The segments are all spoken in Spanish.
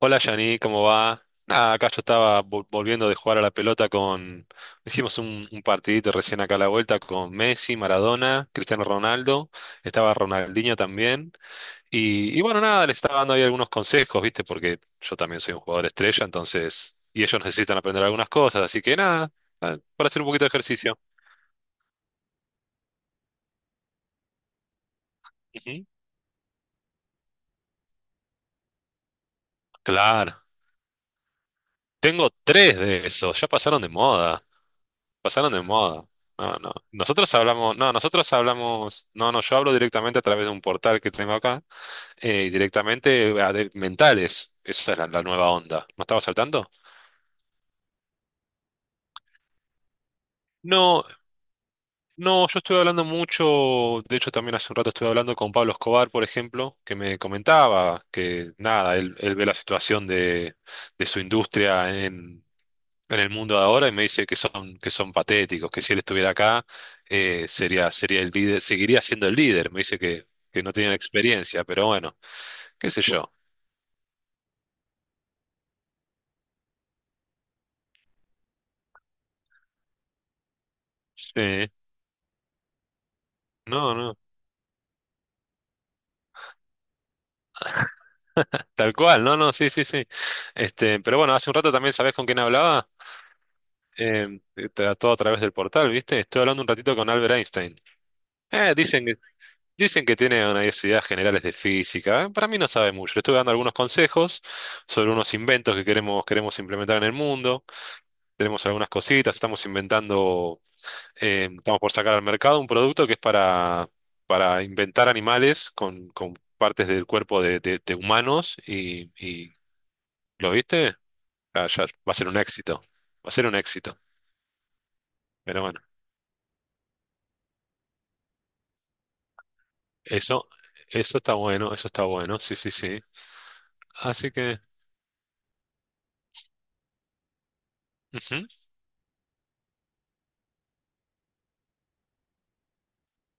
Hola Yani, ¿cómo va? Nada, acá yo estaba volviendo de jugar a la pelota con... Hicimos un partidito recién acá a la vuelta con Messi, Maradona, Cristiano Ronaldo, estaba Ronaldinho también. Y bueno, nada, les estaba dando ahí algunos consejos, ¿viste? Porque yo también soy un jugador estrella, entonces... Y ellos necesitan aprender algunas cosas, así que nada, para hacer un poquito de ejercicio. Ujú. Claro, tengo tres de esos, ya pasaron de moda. Pasaron de moda. No, no. Nosotros hablamos, no, nosotros hablamos, no, no, yo hablo directamente a través de un portal que tengo acá, y directamente a mentales. Esa es la nueva onda. ¿No estabas al tanto? No, no, yo estuve hablando mucho, de hecho también hace un rato estuve hablando con Pablo Escobar, por ejemplo, que me comentaba que nada, él ve la situación de su industria en el mundo de ahora y me dice que son patéticos, que si él estuviera acá, sería el líder, seguiría siendo el líder. Me dice que no tiene la experiencia, pero bueno, qué sé yo. Sí, no, no, tal cual, no, no, sí, sí, sí. Este, pero bueno, hace un rato también, ¿sabés con quién hablaba? Eh, todo a través del portal, ¿viste? Estoy hablando un ratito con Albert Einstein. Eh, dicen que, dicen que tiene unas ideas generales de física. Para mí no sabe mucho. Le estuve dando algunos consejos sobre unos inventos que queremos implementar en el mundo. Tenemos algunas cositas, estamos inventando, estamos por sacar al mercado un producto que es para inventar animales con partes del cuerpo de humanos y ¿lo viste? Ah, ya va a ser un éxito, va a ser un éxito. Pero bueno, eso, eso está bueno, sí, sí, sí. Así que, ujú,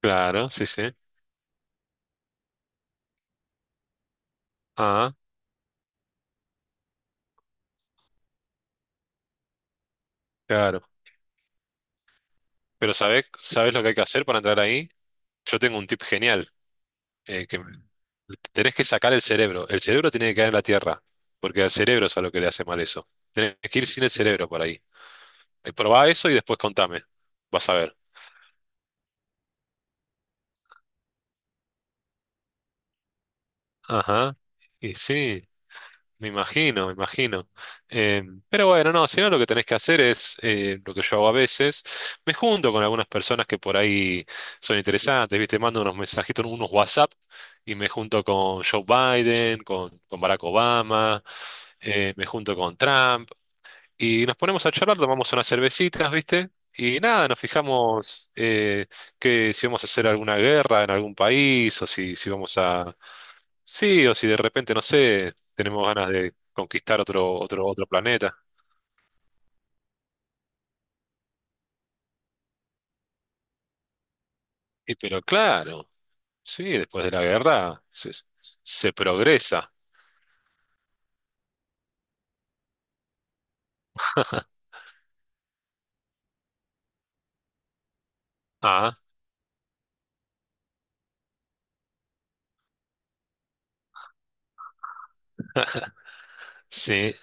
claro, sí, sí. Ah, claro. Pero ¿sabés lo que hay que hacer para entrar ahí? Yo tengo un tip genial. Que tenés que sacar el cerebro. El cerebro tiene que caer en la tierra, porque al cerebro es a lo que le hace mal eso. Tenés que ir sin el cerebro por ahí. Probá eso y después contame. Vas a ver. Ajá. Y sí, me imagino, me imagino. Eh, pero bueno, no, si no lo que tenés que hacer es lo que yo hago a veces. Me junto con algunas personas que por ahí son interesantes, ¿viste? Mando unos mensajitos, unos WhatsApp y me junto con Joe Biden, con Barack Obama, me junto con Trump. Y nos ponemos a charlar, tomamos unas cervecitas, ¿viste? Y nada, nos fijamos que si vamos a hacer alguna guerra en algún país, o si, si vamos a... Sí, o si de repente, no sé, tenemos ganas de conquistar otro planeta. Y pero claro, sí, después de la guerra se, se progresa. Ah, sí.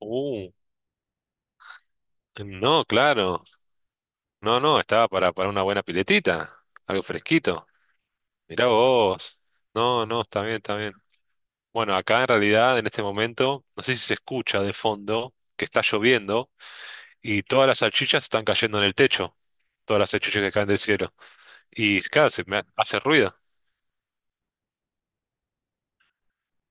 Uh, no, claro. No, no, estaba para una buena piletita, algo fresquito. Mirá vos. No, no, está bien, está bien. Bueno, acá en realidad en este momento, no sé si se escucha de fondo que está lloviendo y todas las salchichas están cayendo en el techo, todas las salchichas que caen del cielo. Y claro, se me hace ruido.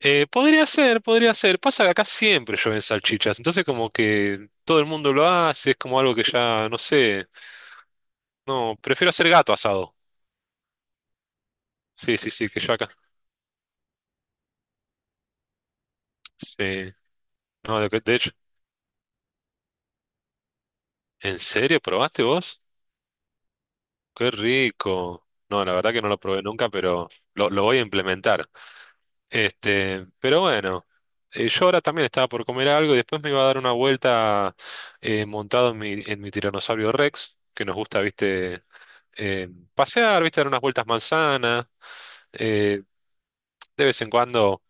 Podría ser, podría ser. Pasa que acá siempre llueven salchichas, entonces como que todo el mundo lo hace, es como algo que ya, no sé, no, prefiero hacer gato asado. Sí, sí, sí, que yo acá. Sí, no, de hecho, ¿en serio probaste vos? Qué rico. No, la verdad que no lo probé nunca, pero lo voy a implementar. Este, pero bueno, yo ahora también estaba por comer algo y después me iba a dar una vuelta montado en mi tiranosaurio Rex, que nos gusta, viste, eh, pasear, viste, dar unas vueltas manzanas, eh, de vez en cuando,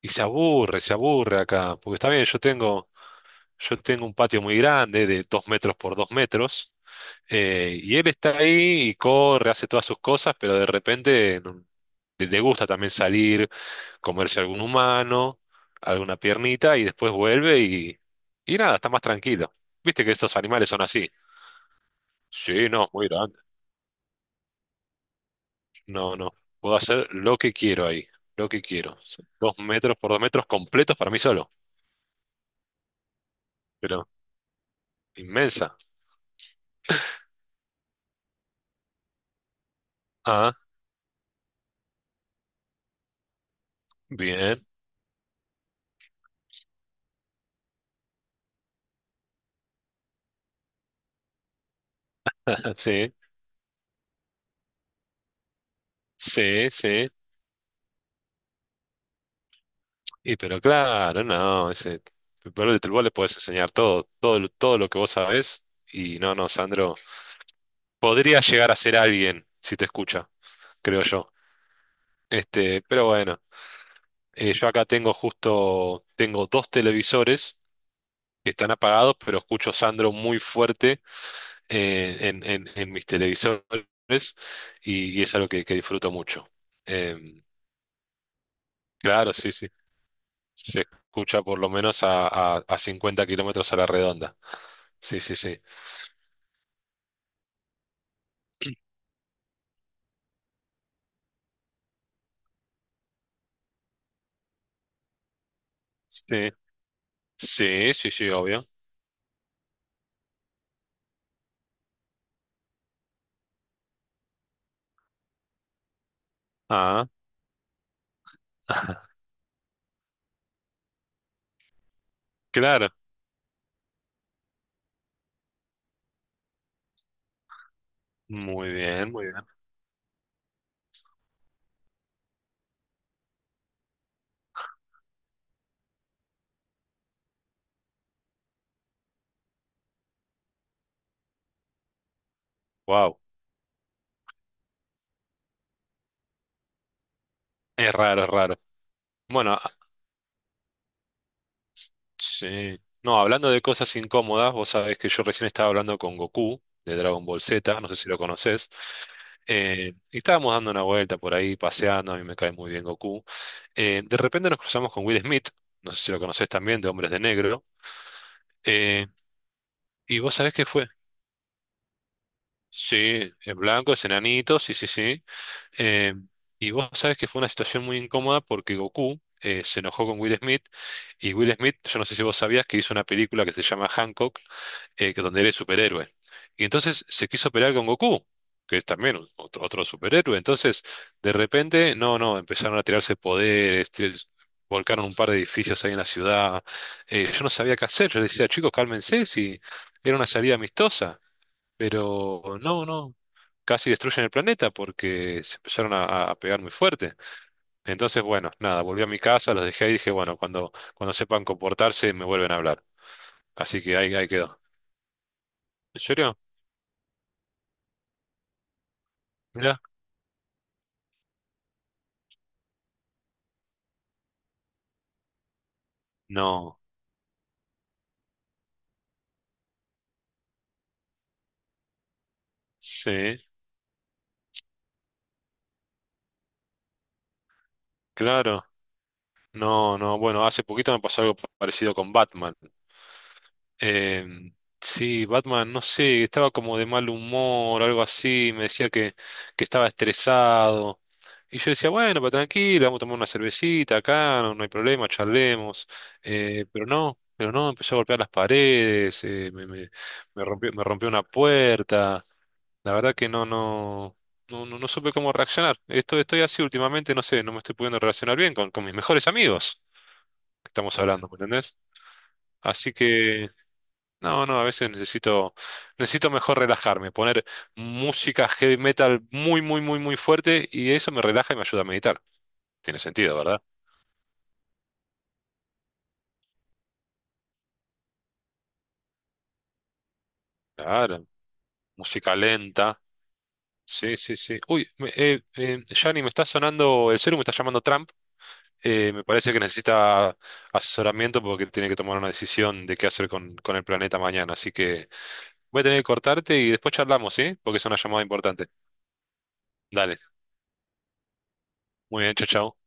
y se aburre acá, porque está bien, yo tengo un patio muy grande de 2 metros por 2 metros. Y él está ahí y corre, hace todas sus cosas, pero de repente le gusta también salir, comerse algún humano, alguna piernita, y después vuelve y nada, está más tranquilo. Viste que estos animales son así. Sí, no, muy grande. No, no. Puedo hacer lo que quiero ahí, lo que quiero. Son dos metros por dos metros completos para mí solo, pero inmensa. Ah, bien. Sí, sí, sí. Y pero claro, no, ese, pero vos le podés enseñar todo, todo, todo lo que vos sabés. Y no, no, Sandro, podría llegar a ser alguien si te escucha, creo yo. Este, pero bueno, yo acá tengo justo, tengo dos televisores que están apagados, pero escucho Sandro muy fuerte en mis televisores y es algo que disfruto mucho. Em, claro, sí, sí, se escucha por lo menos a 50 km a la redonda. Sí, sí, sí. Sí, sí, sí, sí, obvio. Ah, claro. Muy bien, muy bien. Wow. Es raro, es raro. Bueno, ah, sí. No, hablando de cosas incómodas, vos sabés que yo recién estaba hablando con Goku de Dragon Ball Z, no sé si lo conocés. Y estábamos dando una vuelta por ahí, paseando, a mí me cae muy bien Goku. De repente nos cruzamos con Will Smith, no sé si lo conocés también, de Hombres de Negro. Eh, y vos sabés qué fue. Sí, es blanco, es enanito, sí, sí, sí. Eh, y vos sabés que fue una situación muy incómoda porque Goku se enojó con Will Smith y Will Smith, yo no sé si vos sabías que hizo una película que se llama Hancock, que donde él es superhéroe. Y entonces se quiso pelear con Goku, que es también un- otro superhéroe. Entonces, de repente, no, no, empezaron a tirarse poderes, volcaron un par de edificios ahí en la ciudad. Yo no sabía qué hacer, yo decía, chicos, cálmense, si era una salida amistosa. Pero no, no casi destruyen el planeta porque se empezaron a pegar muy fuerte. Entonces, bueno, nada, volví a mi casa, los dejé ahí y dije, bueno, cuando sepan comportarse me vuelven a hablar. Así que ahí, ahí quedó. ¿En serio? Mirá. No. Sí, claro. No, no, bueno, hace poquito me pasó algo parecido con Batman. Em, sí, Batman, no sé, estaba como de mal humor, algo así, me decía que estaba estresado. Y yo decía, bueno, pero tranquilo, vamos a tomar una cervecita acá, no, no hay problema, charlemos. Pero no, pero no, empezó a golpear las paredes, me rompió una puerta. La verdad que no, no, no, no, no supe cómo reaccionar. Esto estoy así últimamente, no sé, no me estoy pudiendo relacionar bien con mis mejores amigos que estamos hablando, ¿me entendés? Así que... No, no, a veces necesito, necesito mejor relajarme, poner música heavy metal muy, muy, muy, muy fuerte y eso me relaja y me ayuda a meditar. Tiene sentido, ¿verdad? Claro, música lenta. Sí, sí, sí. Uy, Gianni, me está sonando el celu, me está llamando Trump. Me parece que necesita asesoramiento porque tiene que tomar una decisión de qué hacer con el planeta mañana. Así que voy a tener que cortarte y después charlamos, ¿sí? Porque es una llamada importante. Dale, muy bien, chao, chao.